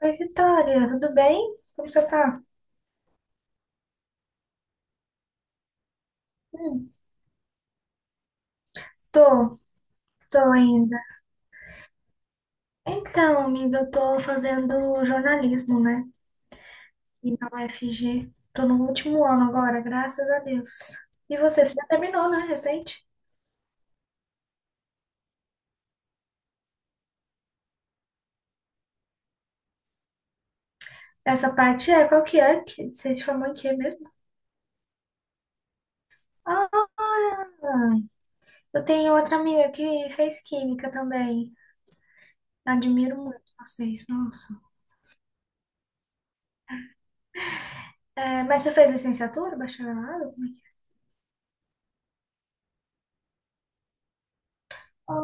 Oi, Vitória, tudo bem? Como você tá? Hum, tô, tô ainda. Então, amiga, eu tô fazendo jornalismo, né? E na UFG. Tô no último ano agora, graças a Deus. E você já terminou, né? Recente? Essa parte é, qual que é? Você se formou em quê mesmo? Ah, eu tenho outra amiga que fez química também. Admiro muito vocês, nossa. É, mas você fez licenciatura, bacharelado? Como é que é?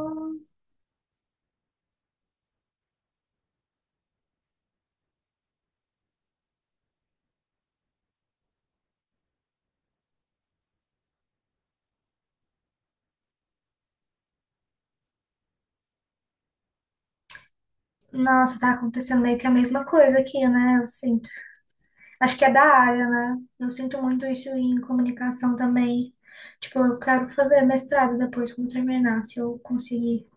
Nossa, tá acontecendo meio que a mesma coisa aqui, né? Eu sinto. Acho que é da área, né? Eu sinto muito isso em comunicação também. Tipo, eu quero fazer mestrado depois quando terminar, se eu conseguir.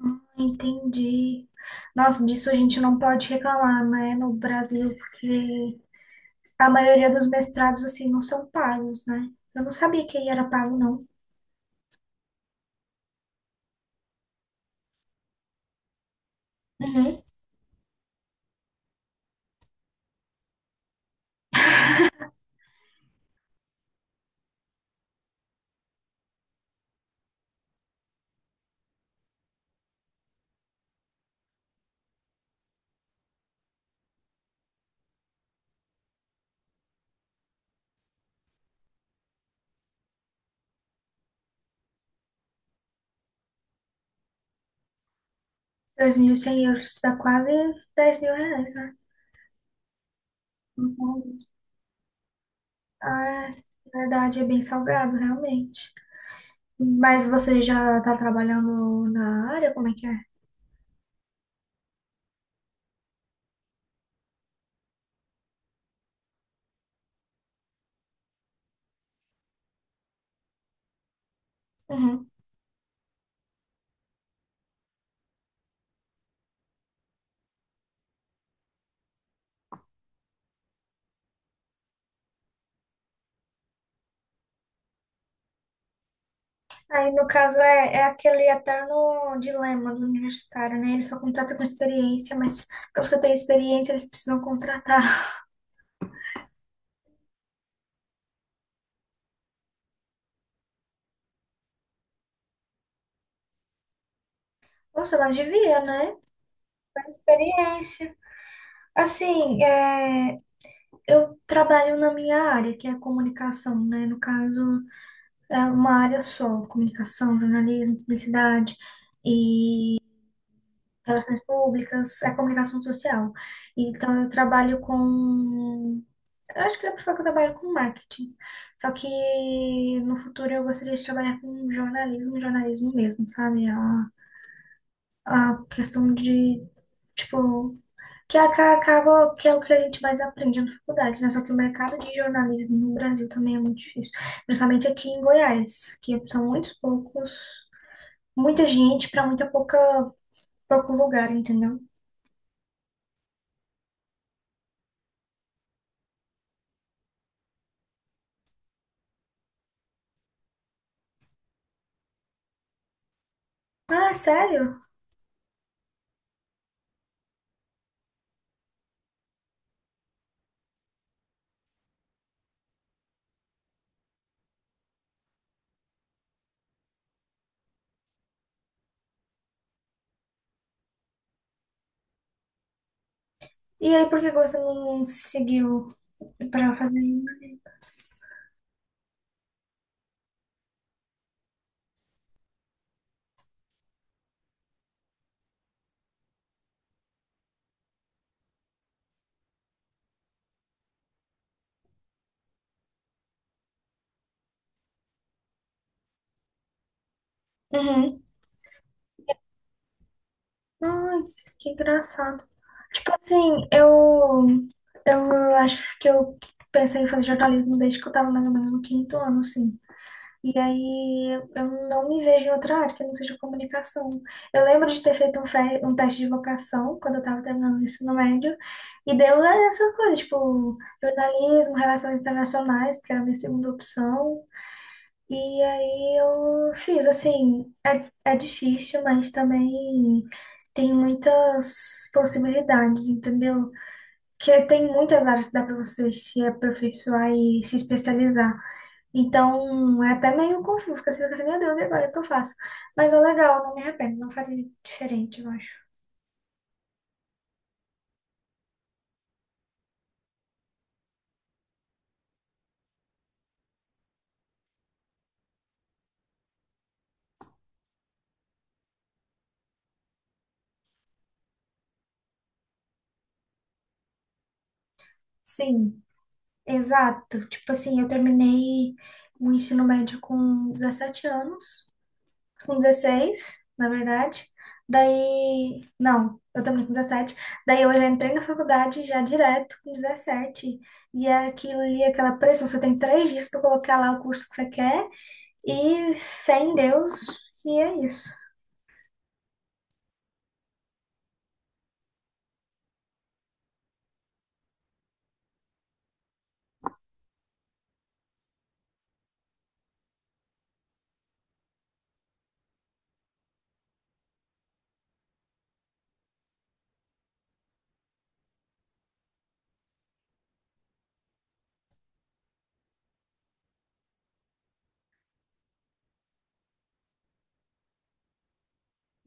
Entendi. Nossa, disso a gente não pode reclamar, né? No Brasil, porque a maioria dos mestrados, assim, não são pagos, né? Eu não sabia que era pago, não. Uhum. 2.100 euros dá quase 10 mil reais, né? Então, ah, na verdade, é bem salgado, realmente. Mas você já está trabalhando na área? Como é que é? Uhum. Aí, no caso, é aquele eterno dilema do universitário, né? Ele só contrata com experiência, mas para você ter experiência, eles precisam contratar. Nossa, mas devia, né? Pra experiência. Assim, é, eu trabalho na minha área, que é a comunicação, né? No caso, é uma área só, comunicação, jornalismo, publicidade. E relações públicas, a comunicação social. Então, eu trabalho com. Eu acho que dá para falar que eu trabalho com marketing. Só que no futuro eu gostaria de trabalhar com jornalismo, jornalismo mesmo, sabe? A questão de, tipo, que acaba, que é o que a gente mais aprende na faculdade, né? Só que o mercado de jornalismo no Brasil também é muito difícil, principalmente aqui em Goiás, que são muitos poucos, muita gente para muita pouca pouco lugar, entendeu? Ah, sério? E aí, por que você não seguiu pra fazer isso? Uhum. Ai, que engraçado. Tipo assim, eu acho que eu pensei em fazer jornalismo desde que eu tava mais ou menos no quinto ano, assim. E aí, eu não me vejo em outra área, que eu não seja comunicação. Eu lembro de ter feito um, fe um teste de vocação quando eu tava terminando o ensino médio, e deu essa coisa, tipo, jornalismo, relações internacionais, que era a minha segunda opção. E aí eu fiz, assim, é difícil, mas também tem muitas possibilidades, entendeu? Que tem muitas áreas que dá para você se aperfeiçoar e se especializar. Então, é até meio confuso, porque você fica assim, meu Deus, e agora o que eu faço? Mas é legal, não me arrependo, não faria diferente, eu acho. Sim, exato. Tipo assim, eu terminei o ensino médio com 17 anos, com 16, na verdade. Daí, não, eu também com 17. Daí eu já entrei na faculdade já direto com 17. E é aquilo ali, aquela pressão, você tem 3 dias para colocar lá o curso que você quer e fé em Deus, e é isso.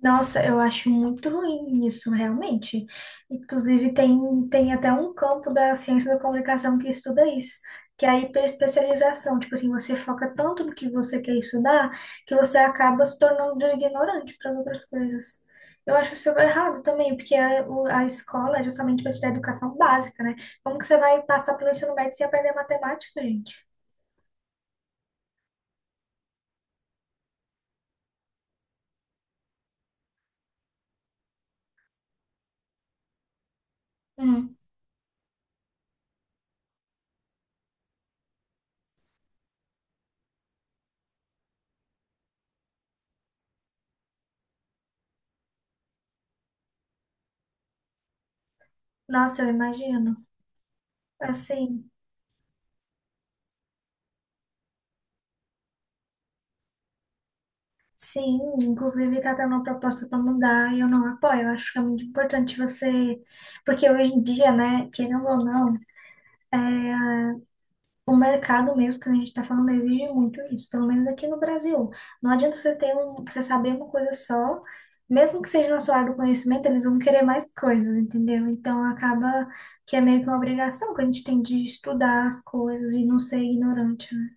Nossa, eu acho muito ruim isso, realmente. Inclusive, tem até um campo da ciência da comunicação que estuda isso, que é a hiperespecialização. Tipo assim, você foca tanto no que você quer estudar que você acaba se tornando ignorante para as outras coisas. Eu acho isso errado também, porque a escola é justamente para te dar educação básica, né? Como que você vai passar pelo ensino médio sem aprender matemática, gente? Hum. Nossa, eu imagino. Assim. Sim, inclusive está tendo uma proposta para mudar e eu não apoio. Eu acho que é muito importante você. Porque hoje em dia, né, querendo ou não, o mercado mesmo, que a gente está falando, exige muito isso, pelo menos aqui no Brasil. Não adianta você saber uma coisa só, mesmo que seja na sua área do conhecimento, eles vão querer mais coisas, entendeu? Então acaba que é meio que uma obrigação que a gente tem de estudar as coisas e não ser ignorante, né?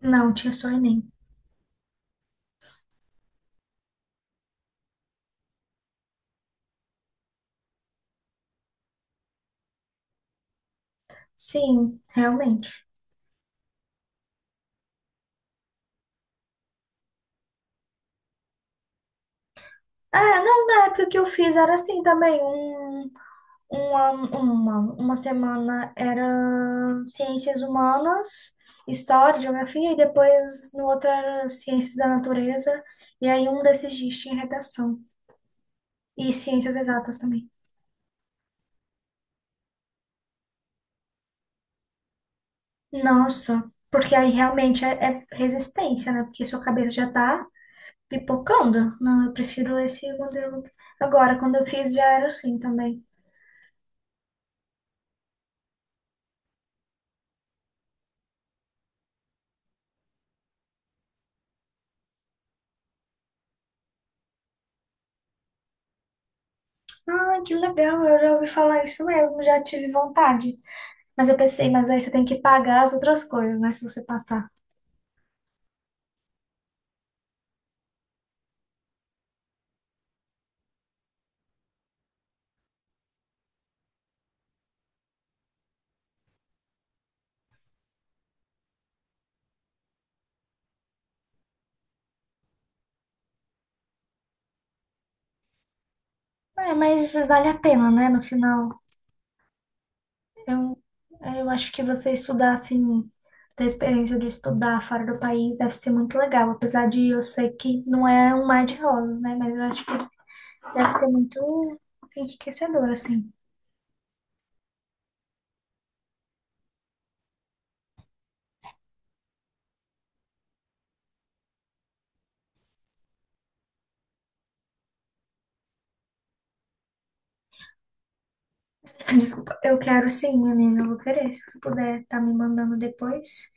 Não, tinha só Enem. Sim, realmente. É, não, na época que eu fiz era assim também. Uma semana era ciências humanas, história, geografia, e depois no outro era ciências da natureza, e aí um desses dias tinha redação. E ciências exatas também. Nossa, porque aí realmente é resistência, né? Porque sua cabeça já tá pipocando. Não, eu prefiro esse modelo. Agora, quando eu fiz, já era assim também. Ah, que legal, eu já ouvi falar isso mesmo, já tive vontade. Mas eu pensei, mas aí você tem que pagar as outras coisas, né? Se você passar. É, mas vale a pena, né? No final, eu, eu acho que você estudar assim, ter a experiência de estudar fora do país deve ser muito legal. Apesar de eu sei que não é um mar de rosas, né? Mas eu acho que deve ser muito enriquecedor, assim. Desculpa, eu quero sim, menina, eu vou querer. Se você puder, tá me mandando depois.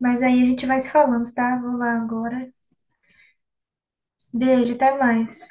Mas aí a gente vai se falando, tá? Vou lá agora. Beijo, até mais.